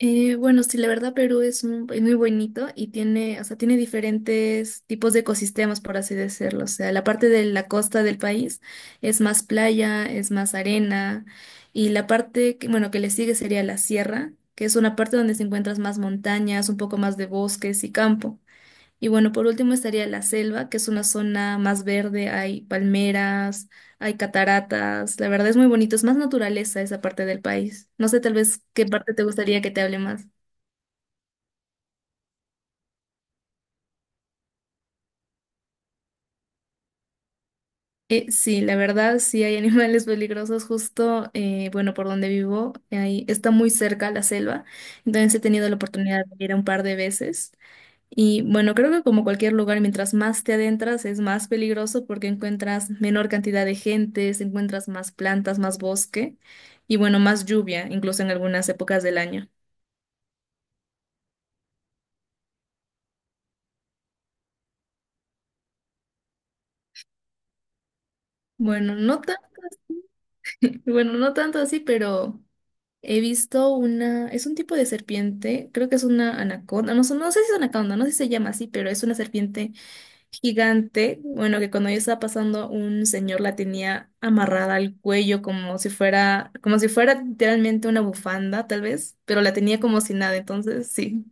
Bueno, sí, la verdad Perú es, es muy bonito y tiene, o sea, tiene diferentes tipos de ecosistemas, por así decirlo. O sea, la parte de la costa del país es más playa, es más arena y la parte que, bueno, que le sigue sería la sierra, que es una parte donde se encuentras más montañas, un poco más de bosques y campo. Y bueno, por último estaría la selva, que es una zona más verde, hay palmeras, hay cataratas, la verdad es muy bonito, es más naturaleza esa parte del país. No sé tal vez qué parte te gustaría que te hable más. Sí, la verdad sí hay animales peligrosos justo, bueno, por donde vivo, ahí está muy cerca la selva, entonces he tenido la oportunidad de ir un par de veces. Y bueno, creo que como cualquier lugar, mientras más te adentras es más peligroso porque encuentras menor cantidad de gentes, encuentras más plantas, más bosque y bueno, más lluvia, incluso en algunas épocas del año. Bueno, no tan, bueno, no tanto así, pero he visto una, es un tipo de serpiente, creo que es una anaconda, no, no sé si es anaconda, no sé si se llama así, pero es una serpiente gigante, bueno, que cuando yo estaba pasando, un señor la tenía amarrada al cuello como si fuera literalmente una bufanda, tal vez, pero la tenía como si nada, entonces sí.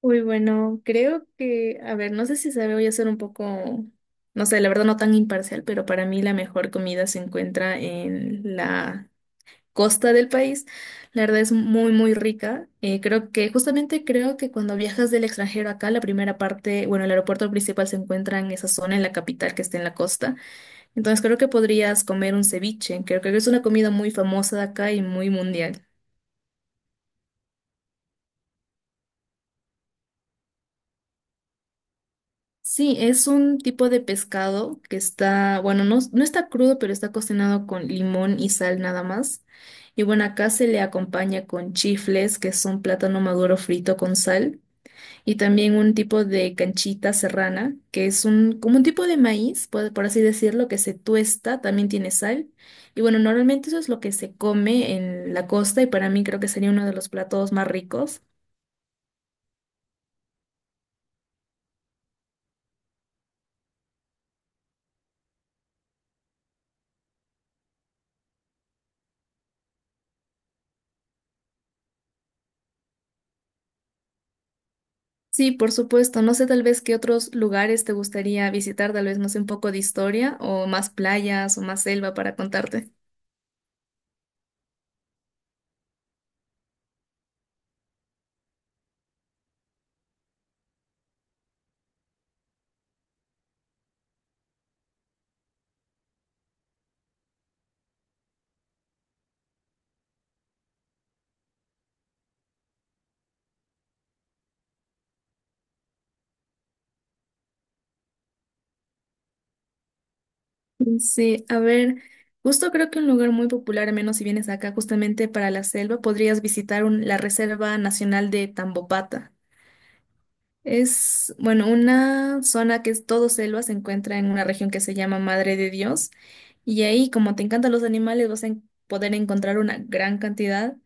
Uy, bueno, creo que, a ver, no sé si sabe, voy a ser un poco, no sé, la verdad no tan imparcial, pero para mí la mejor comida se encuentra en la costa del país, la verdad es muy, muy rica. Creo que, justamente creo que cuando viajas del extranjero acá, la primera parte, bueno, el aeropuerto principal se encuentra en esa zona, en la capital que está en la costa. Entonces creo que podrías comer un ceviche, creo que es una comida muy famosa de acá y muy mundial. Sí, es un tipo de pescado que está, bueno, no, no está crudo, pero está cocinado con limón y sal nada más. Y bueno, acá se le acompaña con chifles, que son plátano maduro frito con sal. Y también un tipo de canchita serrana, que es un, como un tipo de maíz, por así decirlo, que se tuesta, también tiene sal. Y bueno, normalmente eso es lo que se come en la costa y para mí creo que sería uno de los platos más ricos. Sí, por supuesto. No sé tal vez qué otros lugares te gustaría visitar, tal vez no sé un poco de historia o más playas o más selva para contarte. Sí, a ver, justo creo que un lugar muy popular, al menos si vienes acá justamente para la selva, podrías visitar la Reserva Nacional de Tambopata. Es, bueno, una zona que es todo selva, se encuentra en una región que se llama Madre de Dios. Y ahí, como te encantan los animales, vas a poder encontrar una gran cantidad,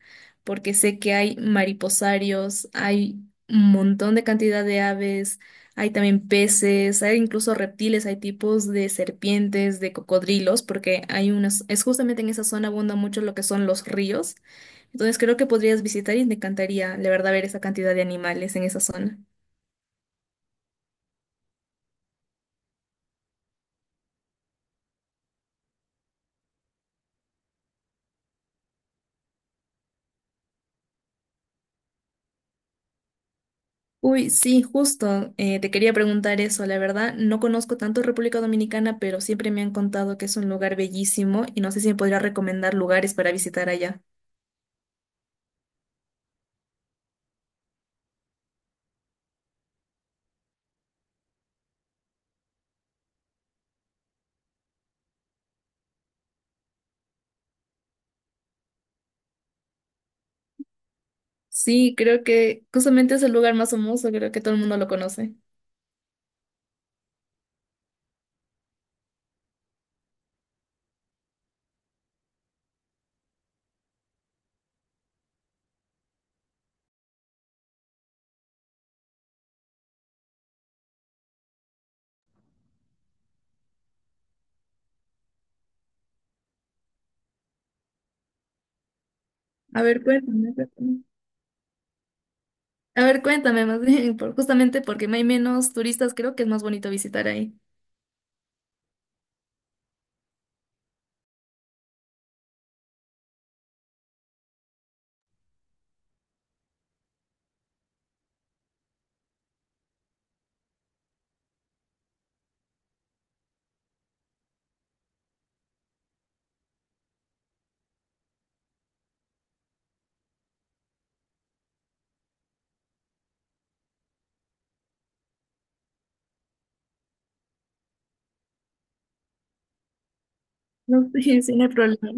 porque sé que hay mariposarios, hay un montón de cantidad de aves, hay también peces, hay incluso reptiles, hay tipos de serpientes, de cocodrilos, porque hay unas, es justamente en esa zona abunda mucho lo que son los ríos. Entonces creo que podrías visitar y me encantaría, la verdad, ver esa cantidad de animales en esa zona. Uy, sí, justo. Te quería preguntar eso. La verdad, no conozco tanto República Dominicana, pero siempre me han contado que es un lugar bellísimo y no sé si me podría recomendar lugares para visitar allá. Sí, creo que justamente es el lugar más famoso, creo que todo el mundo lo conoce. A ver, cuéntame. Cuéntame. A ver, cuéntame más bien, justamente porque hay menos turistas, creo que es más bonito visitar ahí. No, sí, sí, no hay problema.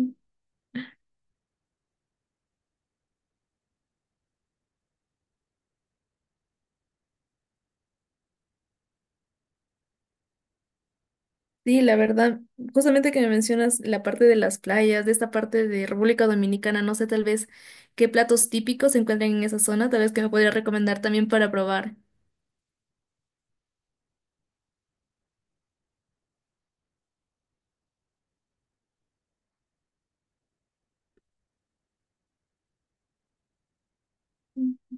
Sí, la verdad, justamente que me mencionas la parte de las playas, de esta parte de República Dominicana, no sé tal vez qué platos típicos se encuentran en esa zona, tal vez que me podría recomendar también para probar. Mm.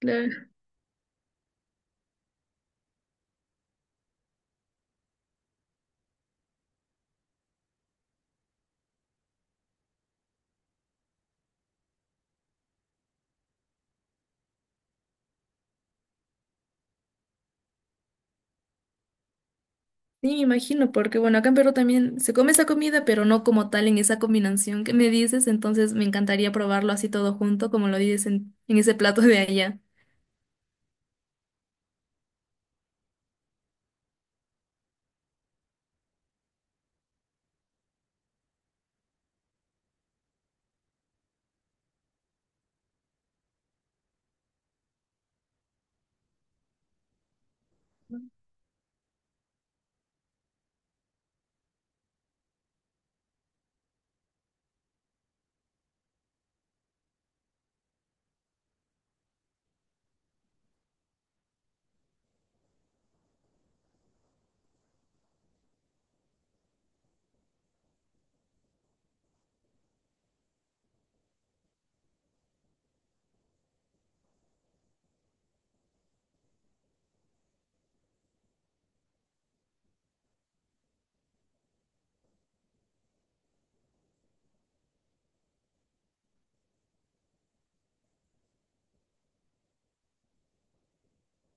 Claro. Sí, me imagino, porque bueno, acá en Perú también se come esa comida, pero no como tal en esa combinación que me dices, entonces me encantaría probarlo así todo junto, como lo dices en ese plato de allá.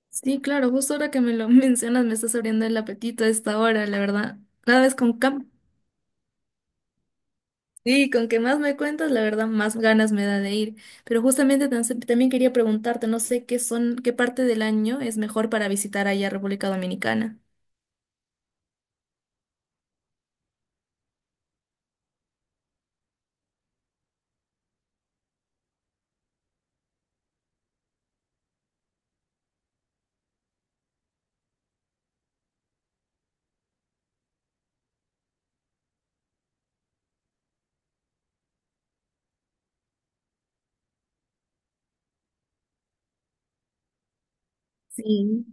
Sí, claro, justo ahora que me lo mencionas me estás abriendo el apetito a esta hora, la verdad. Cada vez con sí, con que más me cuentas, la verdad, más ganas me da de ir. Pero justamente también quería preguntarte, no sé qué son, qué parte del año es mejor para visitar allá a República Dominicana. Sí.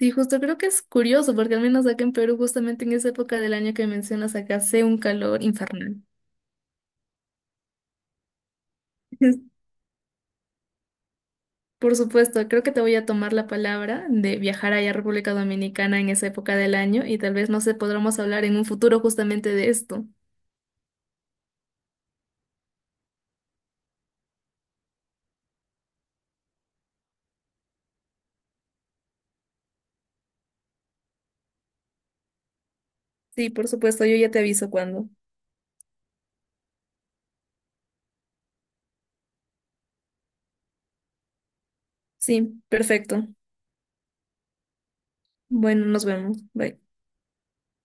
Sí, justo creo que es curioso, porque al menos acá en Perú, justamente en esa época del año que mencionas acá, hace un calor infernal. Por supuesto, creo que te voy a tomar la palabra de viajar allá a República Dominicana en esa época del año y tal vez no se podremos hablar en un futuro justamente de esto. Sí, por supuesto, yo ya te aviso cuando. Sí, perfecto. Bueno, nos vemos. Bye.